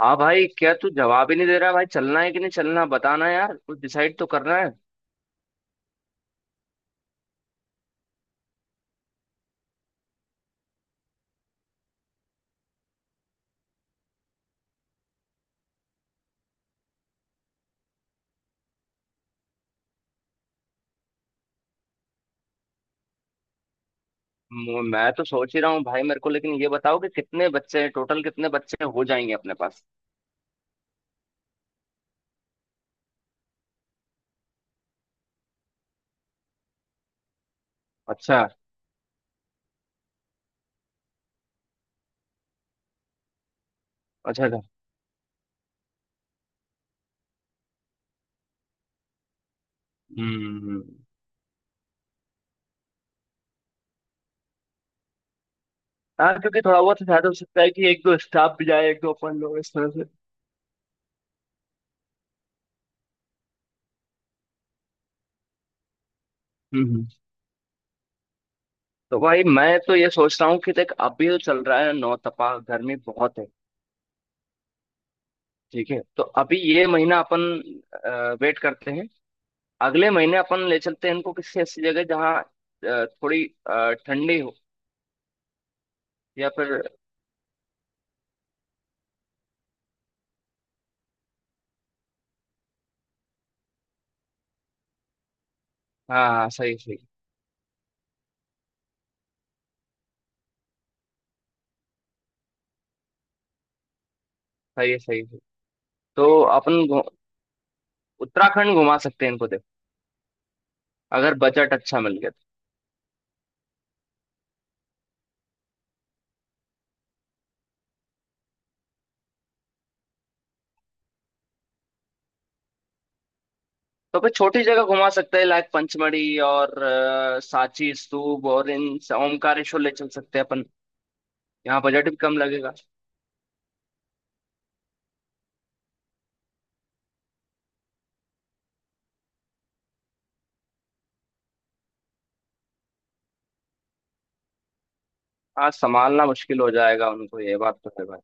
हाँ भाई, क्या तू जवाब ही नहीं दे रहा भाई? चलना है कि नहीं चलना, बताना यार, कुछ डिसाइड तो करना है। मैं तो सोच ही रहा हूँ भाई मेरे को, लेकिन ये बताओ कि कितने बच्चे हैं, टोटल कितने बच्चे हो जाएंगे अपने पास? अच्छा अच्छा अच्छा। हम्म। हाँ, क्योंकि थोड़ा बहुत शायद हो सकता है कि एक दो स्टाफ भी जाए, एक दो अपन लोग, इस तरह से। हम्म। तो भाई मैं तो ये सोच रहा हूँ कि देख, अभी तो चल रहा है नौ तपा, गर्मी बहुत है। ठीक है, तो अभी ये महीना अपन वेट करते हैं। अगले महीने अपन ले चलते हैं इनको किसी ऐसी जगह जहाँ थोड़ी ठंडी हो। या फिर हाँ। हाँ सही सही। सही है सही है। तो अपन घु- उत्तराखंड घुमा सकते हैं इनको देख, अगर बजट अच्छा मिल गया तो। तो फिर छोटी जगह घुमा सकते हैं लाइक पंचमढ़ी और सांची स्तूप और ओमकारेश्वर ले चल सकते हैं अपन। यहाँ बजट भी कम लगेगा। हाँ, संभालना मुश्किल हो जाएगा उनको, ये बात तो है भाई।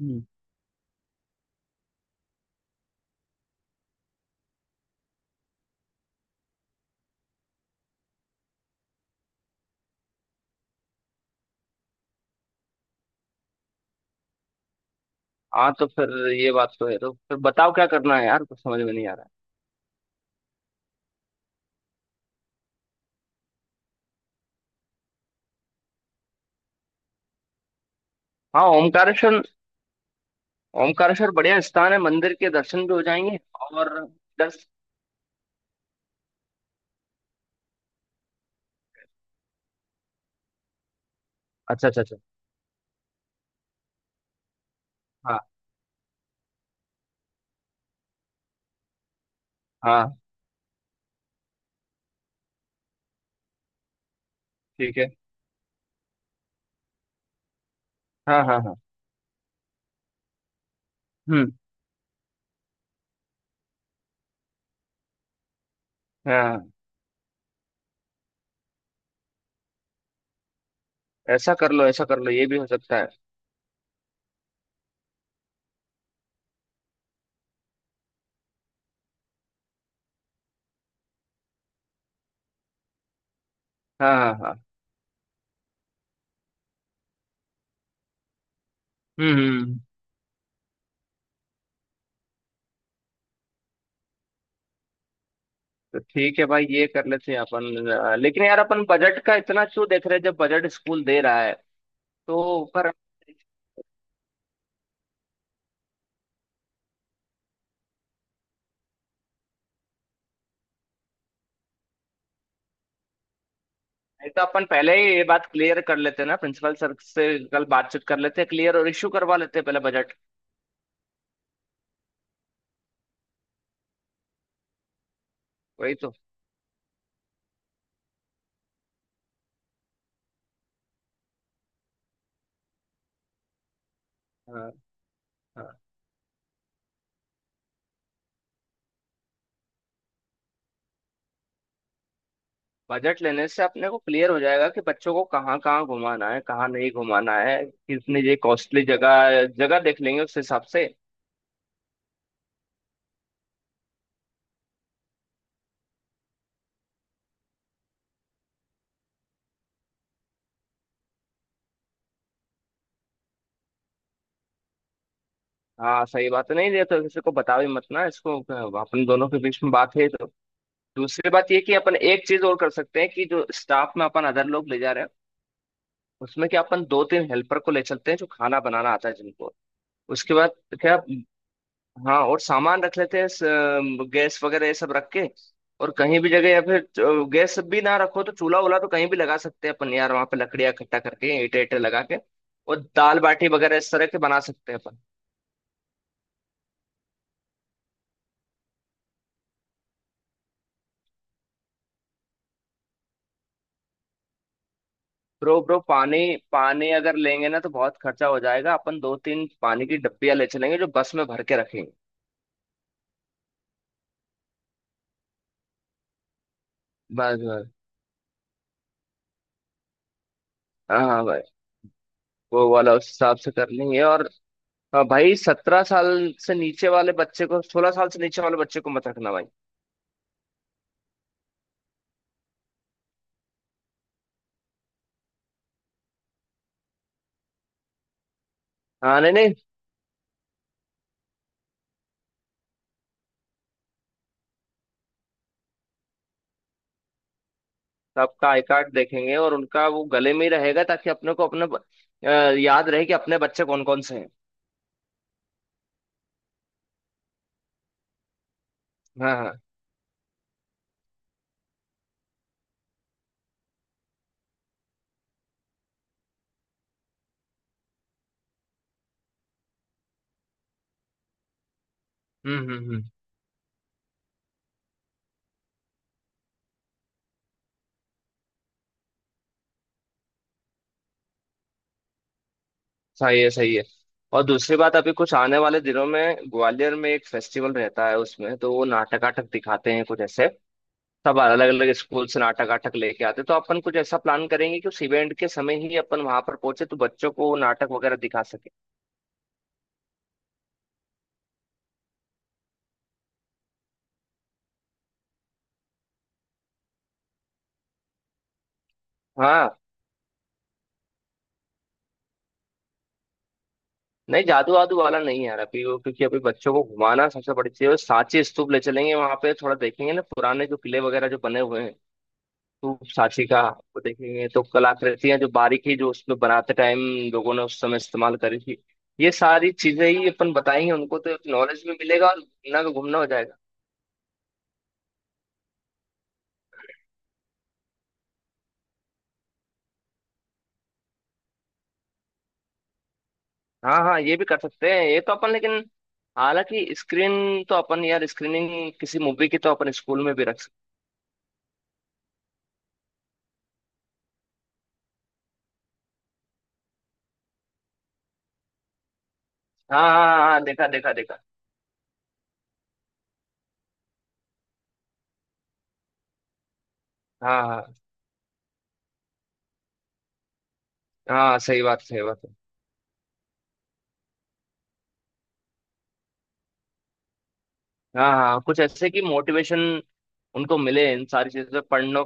हम्म। हाँ तो फिर ये बात तो है, तो फिर बताओ क्या करना है यार, कुछ समझ में नहीं आ रहा है। हाँ, ओमकारेश्वर। ओमकारेश्वर बढ़िया स्थान है, मंदिर के दर्शन भी हो जाएंगे। और दस। अच्छा अच्छा अच्छा। हाँ। हाँ ठीक है। हाँ हाँ हाँ। हम्म। हाँ, ऐसा कर लो ऐसा कर लो, ये भी हो सकता है। हाँ हाँ हाँ। हम्म। तो ठीक है भाई, ये कर लेते हैं अपन। लेकिन यार अपन बजट का इतना क्यों देख रहे हैं जब बजट स्कूल दे रहा है? तो पर, नहीं, तो अपन पहले ही ये बात क्लियर कर लेते हैं ना, प्रिंसिपल सर से कल बातचीत कर लेते हैं क्लियर, और इश्यू करवा लेते हैं पहले बजट। वही तो। हाँ, बजट लेने से अपने को क्लियर हो जाएगा कि बच्चों को कहाँ कहाँ घुमाना है, कहाँ नहीं घुमाना है, कितनी ये कॉस्टली जगह, जगह देख लेंगे उस हिसाब से। हाँ सही बात है, नहीं ये तो किसी को बता भी मत ना इसको, अपन दोनों के बीच में बात है ये तो। दूसरी बात ये कि अपन एक चीज और कर सकते हैं कि जो स्टाफ में अपन अदर लोग ले जा रहे हैं, उसमें क्या अपन दो तीन हेल्पर को ले चलते हैं जो खाना बनाना आता है जिनको। उसके बाद क्या। हाँ, और सामान रख लेते हैं, गैस वगैरह ये सब रख के, और कहीं भी जगह। या फिर गैस भी ना रखो तो चूल्हा वूल्हा तो कहीं भी लगा सकते हैं अपन यार, वहां पे लकड़ियां इकट्ठा करके, ईंटे ईंटे लगा के और दाल बाटी वगैरह इस तरह के बना सकते हैं अपन। ब्रो ब्रो, पानी, पानी अगर लेंगे ना तो बहुत खर्चा हो जाएगा। अपन दो तीन पानी की डब्बियां ले चलेंगे जो बस में भर के रखेंगे। बस बस। हाँ हाँ भाई, वो वाला उस हिसाब से कर लेंगे। और हाँ भाई, 17 साल से नीचे वाले बच्चे को, 16 साल से नीचे वाले बच्चे को मत रखना भाई। हाँ नहीं नहीं। आपका आई कार्ड देखेंगे और उनका वो गले में ही रहेगा ताकि अपने को अपने ब- अ, याद रहे कि अपने बच्चे कौन कौन से हैं। हाँ हाँ। हम्म। सही है सही है। और दूसरी बात, अभी कुछ आने वाले दिनों में ग्वालियर में एक फेस्टिवल रहता है उसमें तो वो नाटक वाटक दिखाते हैं कुछ ऐसे, सब अलग अलग स्कूल से नाटक वाटक लेके आते हैं, तो अपन कुछ ऐसा प्लान करेंगे कि उस इवेंट के समय ही अपन वहां पर पहुंचे तो बच्चों को वो नाटक वगैरह दिखा सके। हाँ। नहीं जादू वादू वाला नहीं है यार अभी वो, क्योंकि अभी बच्चों को घुमाना सबसे बड़ी चीज है। सांची स्तूप ले चलेंगे, वहां पे थोड़ा देखेंगे ना पुराने जो किले वगैरह जो बने हुए हैं, स्तूप सांची का वो देखेंगे तो कलाकृतियां जो बारीकी जो उसमें बनाते टाइम लोगों ने उस समय इस्तेमाल करी थी, ये सारी चीजें ही अपन बताएंगे उनको, तो नॉलेज भी मिलेगा और घूमना का घूमना हो जाएगा। हाँ हाँ, ये भी कर सकते हैं ये तो अपन, लेकिन हालांकि स्क्रीन तो अपन यार, स्क्रीनिंग किसी मूवी की तो अपन स्कूल में भी रख सकते। हाँ हाँ हाँ हाँ, देखा देखा देखा। हाँ हाँ। हाँ सही बात सही बात। हाँ हाँ कुछ ऐसे कि मोटिवेशन उनको मिले इन सारी चीजों से, पढ़ने।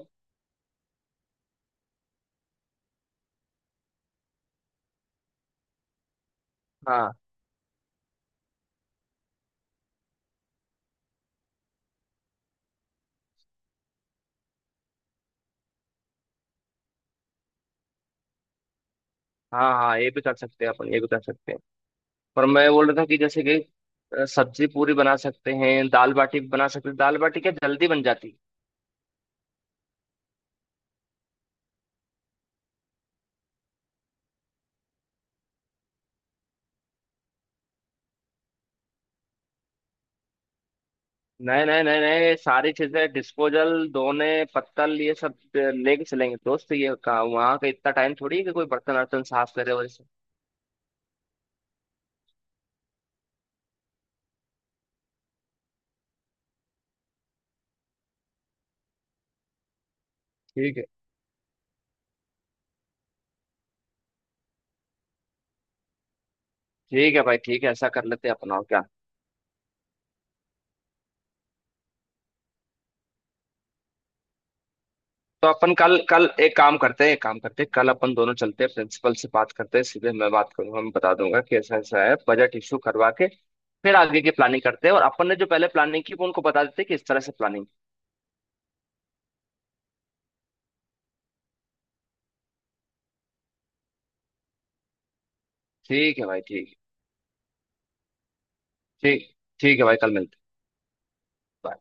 हाँ हाँ। हाँ, ये भी कर सकते हैं अपन, ये भी कर सकते हैं। पर मैं बोल रहा था कि जैसे कि सब्जी पूरी बना सकते हैं, दाल बाटी भी बना सकते हैं। दाल बाटी क्या जल्दी बन जाती है? नहीं नहीं नहीं नहीं, ये सारी चीजें डिस्पोजल दोने पत्तल ये सब लेके चलेंगे दोस्त, ये कहा वहाँ का इतना टाइम थोड़ी है कि कोई बर्तन वर्तन साफ करे और ये सब। ठीक है। ठीक है भाई, ठीक है, ऐसा कर लेते हैं अपना और क्या। तो अपन कल कल एक काम करते हैं, एक काम करते हैं, कल अपन दोनों चलते हैं प्रिंसिपल से बात करते हैं, सीधे मैं बात करूंगा, मैं बता दूंगा कि ऐसा ऐसा है, बजट इशू करवा के फिर आगे की प्लानिंग करते हैं। और अपन ने जो पहले प्लानिंग की वो उनको बता देते हैं कि इस तरह से प्लानिंग। ठीक है भाई, ठीक। ठीक ठीक है भाई, कल मिलते हैं।